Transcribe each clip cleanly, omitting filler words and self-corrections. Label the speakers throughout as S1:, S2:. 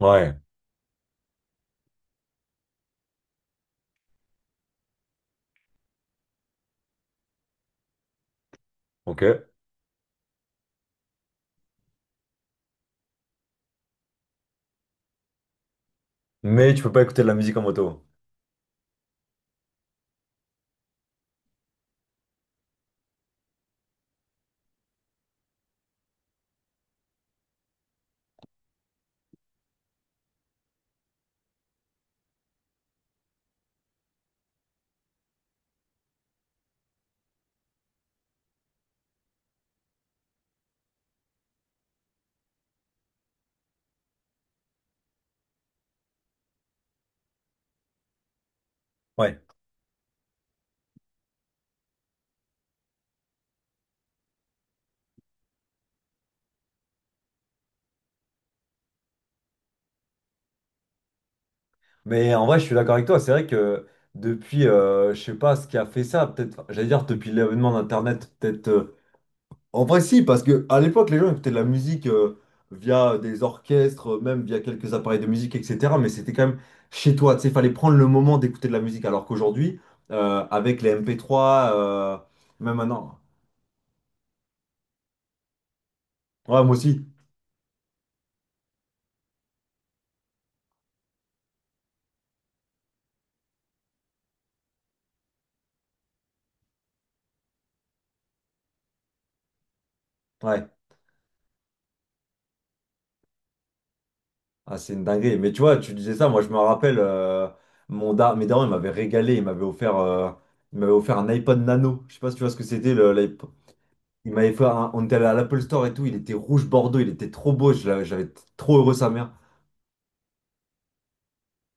S1: Ouais, ok. Mais tu peux pas écouter de la musique en moto. Ouais. Mais en vrai, je suis d'accord avec toi. C'est vrai que depuis, je sais pas ce qui a fait ça, peut-être, enfin, j'allais dire depuis l'avènement d'Internet, peut-être. En vrai, si, parce que à l'époque, les gens écoutaient de la musique via des orchestres, même via quelques appareils de musique, etc. Mais c'était quand même chez toi. Tu sais, il fallait prendre le moment d'écouter de la musique. Alors qu'aujourd'hui, avec les MP3, même maintenant. Ouais, moi aussi. Ouais. Ah, c'est une dinguerie. Mais tu vois, tu disais ça, moi je me rappelle, mon dar mes darons, ils m'avaient régalé, ils m'avaient offert un iPod Nano. Je sais pas si tu vois ce que c'était, Il m'avait on était allé à l'Apple Store et tout, il était rouge bordeaux, il était trop beau, j'avais été trop heureux sa mère.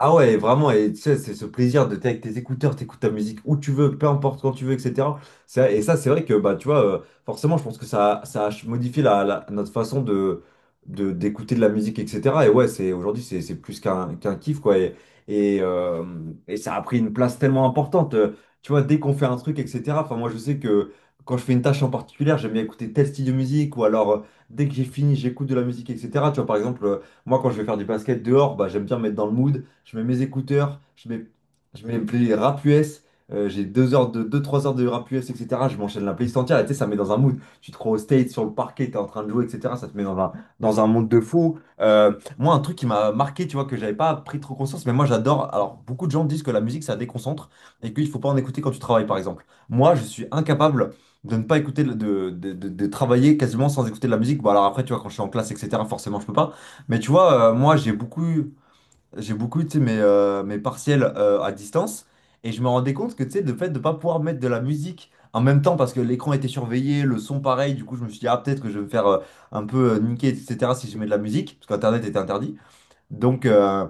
S1: Ah ouais, vraiment, et tu sais, c'est ce plaisir de t'es avec tes écouteurs, t'écoutes ta musique où tu veux, peu importe quand tu veux, etc. Et ça, c'est vrai que, bah, tu vois, forcément, je pense que ça a modifié notre façon d'écouter de la musique, etc. Et ouais, c'est, aujourd'hui, c'est plus qu'un kiff, quoi. Et, euh, et ça a pris une place tellement importante. Tu vois, dès qu'on fait un truc, etc. Enfin, moi, je sais que quand je fais une tâche en particulier, j'aime bien écouter tel style de musique, ou alors, dès que j'ai fini, j'écoute de la musique, etc. Tu vois, par exemple, moi, quand je vais faire du basket dehors, bah, j'aime bien me mettre dans le mood, je mets mes écouteurs, je mets les rap US, j'ai 2 heures de, deux trois heures de rap US, etc. Je m'enchaîne la playlist entière, et tu sais, ça me met dans un mood. Tu te crois au state, sur le parquet, t'es en train de jouer, etc. Ça te met dans un monde de fou. Moi, un truc qui m'a marqué, tu vois, que j'avais pas pris trop conscience, mais moi j'adore. Alors, beaucoup de gens disent que la musique, ça déconcentre et qu'il faut pas en écouter quand tu travailles, par exemple. Moi, je suis incapable de ne pas écouter, de travailler quasiment sans écouter de la musique. Bon, alors après, tu vois, quand je suis en classe, etc., forcément, je peux pas. Mais tu vois, moi, j'ai beaucoup, tu sais, mes partiels à distance. Et je me rendais compte que, tu sais, le fait de ne pas pouvoir mettre de la musique en même temps parce que l'écran était surveillé, le son pareil, du coup, je me suis dit, ah, peut-être que je vais me faire un peu niquer, etc., si je mets de la musique, parce qu'Internet était interdit. Donc, euh,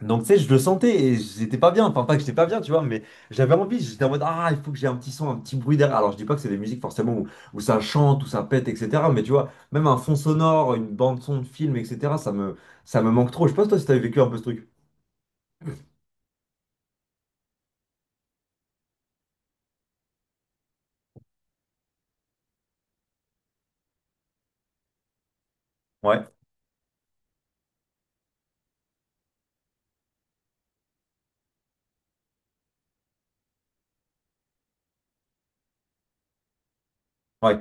S1: donc tu sais, je le sentais et j'étais pas bien. Enfin, pas que j'étais pas bien, tu vois, mais j'avais envie, j'étais en mode, ah, il faut que j'ai un petit son, un petit bruit derrière. Alors, je dis pas que c'est des musiques forcément où, où ça chante, où ça pète, etc., mais tu vois, même un fond sonore, une bande-son de film, etc., ça me manque trop. Je pense, toi, si t'avais vécu un peu ce truc. Ouais. Ouais,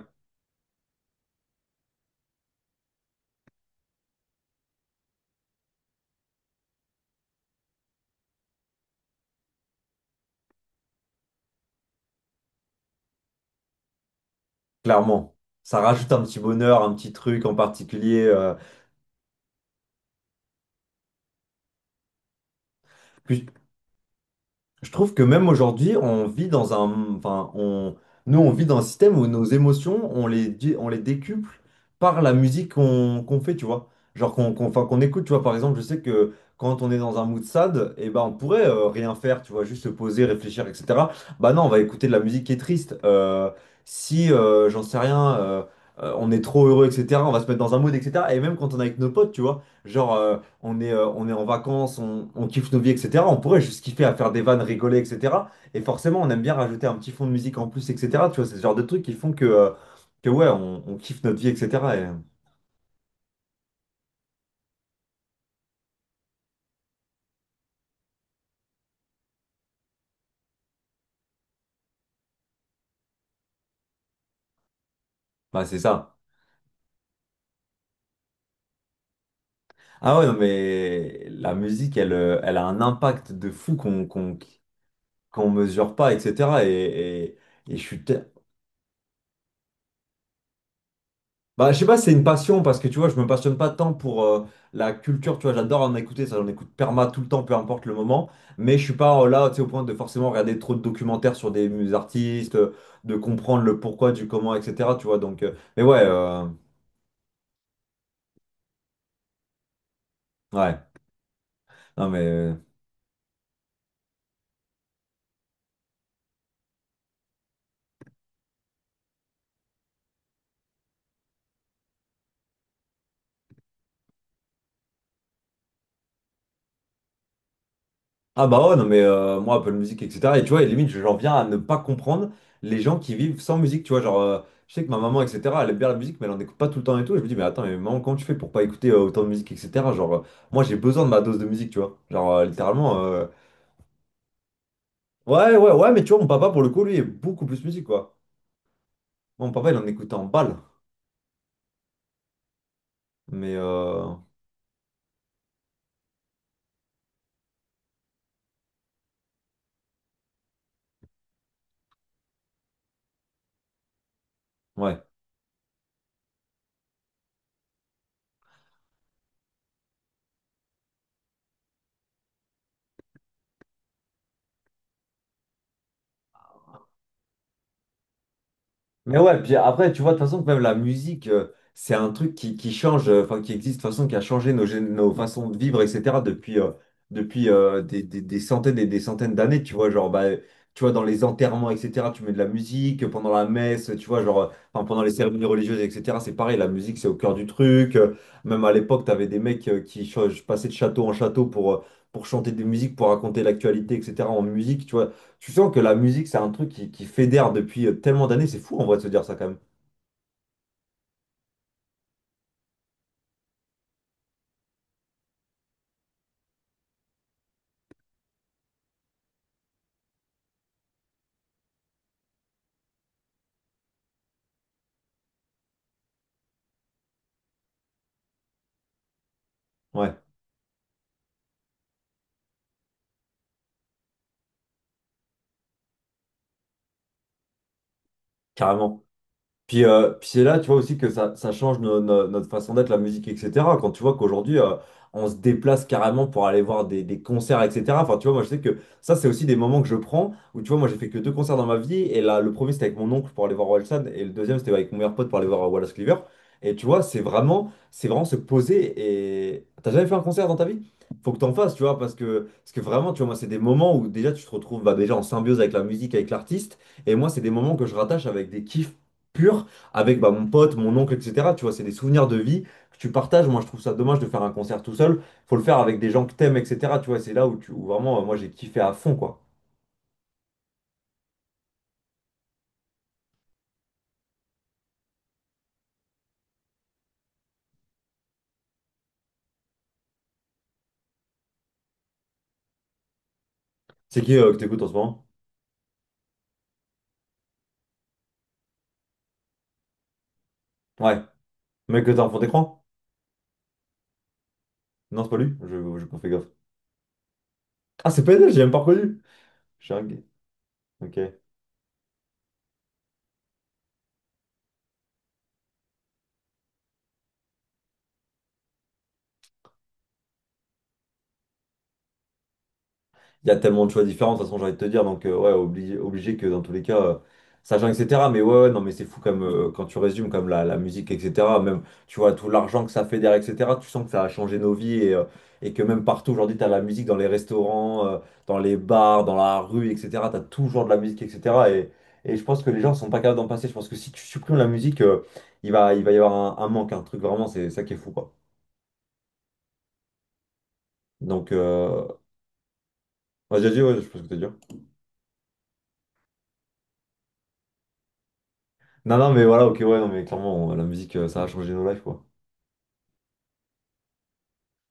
S1: clairement. Ça rajoute un petit bonheur, un petit truc en particulier. Plus, Je trouve que même aujourd'hui, on vit dans un, enfin, on, nous, on vit dans un système où nos émotions, on les décuple par la musique qu'on fait, tu vois. Genre enfin, qu'on écoute, tu vois. Par exemple, je sais que quand on est dans un mood sad, eh ben, on pourrait rien faire, tu vois, juste se poser, réfléchir, etc. Bah non, on va écouter de la musique qui est triste. Si, j'en sais rien, on est trop heureux, etc., on va se mettre dans un mood, etc. Et même quand on est avec nos potes, tu vois. Genre, on est en vacances, on kiffe nos vies, etc. On pourrait juste kiffer à faire des vannes, rigoler, etc. Et forcément, on aime bien rajouter un petit fond de musique en plus, etc. Tu vois, c'est ce genre de trucs qui font que ouais, on kiffe notre vie, etc. Et, bah, c'est ça. Ah ouais, non, mais la musique, elle, elle a un impact de fou qu'on mesure pas, etc. Et je suis te- Bah, je sais pas, si c'est une passion parce que tu vois, je me passionne pas tant pour la culture, tu vois, j'adore en écouter, ça j'en écoute perma tout le temps, peu importe le moment, mais je suis pas là, tu sais, au point de forcément regarder trop de documentaires sur des artistes, de comprendre le pourquoi, du comment, etc. Tu vois, donc, mais ouais, non mais. Ah bah ouais, non mais moi Apple Music, etc. Et tu vois, et limite, j'en viens à ne pas comprendre les gens qui vivent sans musique, tu vois, genre, je sais que ma maman, etc., elle aime bien la musique, mais elle en écoute pas tout le temps et tout, et je me dis, mais attends, mais maman, comment tu fais pour pas écouter autant de musique, etc. Genre, moi j'ai besoin de ma dose de musique, tu vois, genre, littéralement, ouais, ouais, ouais, mais tu vois, mon papa, pour le coup, lui, est beaucoup plus musique, quoi. Moi, mon papa, il en écoute en balle, mais, ouais. Mais ouais, puis après, tu vois, de toute façon, même la musique, c'est un truc qui change, enfin, qui existe, de toute façon, qui a changé nos façons de vivre, etc., depuis, des, des centaines et des centaines d'années, tu vois, genre, bah, tu vois, dans les enterrements, etc., tu mets de la musique, pendant la messe, tu vois, genre, enfin, pendant les cérémonies religieuses, etc., c'est pareil, la musique, c'est au cœur du truc. Même à l'époque, t'avais des mecs qui passaient de château en château pour chanter des musiques, pour raconter l'actualité, etc., en musique, tu vois. Tu sens que la musique, c'est un truc qui fédère depuis tellement d'années. C'est fou en vrai de se dire ça quand même. Ouais, carrément. Puis, puis c'est là, tu vois aussi que ça change notre façon d'être, la musique, etc. Quand tu vois qu'aujourd'hui, on se déplace carrément pour aller voir des concerts, etc. Enfin, tu vois, moi, je sais que ça, c'est aussi des moments que je prends où, tu vois, moi, j'ai fait que deux concerts dans ma vie. Et là, le premier, c'était avec mon oncle pour aller voir Orelsan. Et le deuxième, c'était avec mon meilleur pote pour aller voir Wallace Cleaver. Et tu vois, c'est vraiment se poser. Et t'as jamais fait un concert dans ta vie? Faut que t'en fasses, tu vois, parce que vraiment, tu vois, moi, c'est des moments où déjà, tu te retrouves bah, déjà en symbiose avec la musique, avec l'artiste. Et moi, c'est des moments que je rattache avec des kiffs pur avec bah, mon pote, mon oncle, etc. Tu vois, c'est des souvenirs de vie que tu partages. Moi, je trouve ça dommage de faire un concert tout seul. Faut le faire avec des gens que t'aimes, etc. Tu vois, c'est là où, tu, où vraiment, moi, j'ai kiffé à fond, quoi. C'est qui que t'écoutes en ce moment? Ouais. Mec que t'as en fond d'écran? Non, c'est pas lui. On fais gaffe. Ah, c'est PNL, j'ai même pas reconnu. Je suis un gay. Ok. Il y a tellement de choix différents, de toute façon, j'ai envie de te dire. Donc, ouais, obligé, obligé que dans tous les cas, ça change, etc. Mais ouais, ouais, non, mais c'est fou comme, quand tu résumes, comme la musique, etc. Même, tu vois, tout l'argent que ça fait derrière, etc. Tu sens que ça a changé nos vies et, et que même partout aujourd'hui, tu as la musique dans les restaurants, dans les bars, dans la rue, etc. Tu as toujours de la musique, etc. Et je pense que les gens sont pas capables d'en passer. Je pense que si tu supprimes la musique, il va y avoir un manque, un truc vraiment, c'est ça qui est fou, quoi. Donc, vas-y, vas ouais, je pense que tu as dit. Non, non, mais voilà, ok, ouais, non, mais clairement, la musique, ça a changé nos lives, quoi.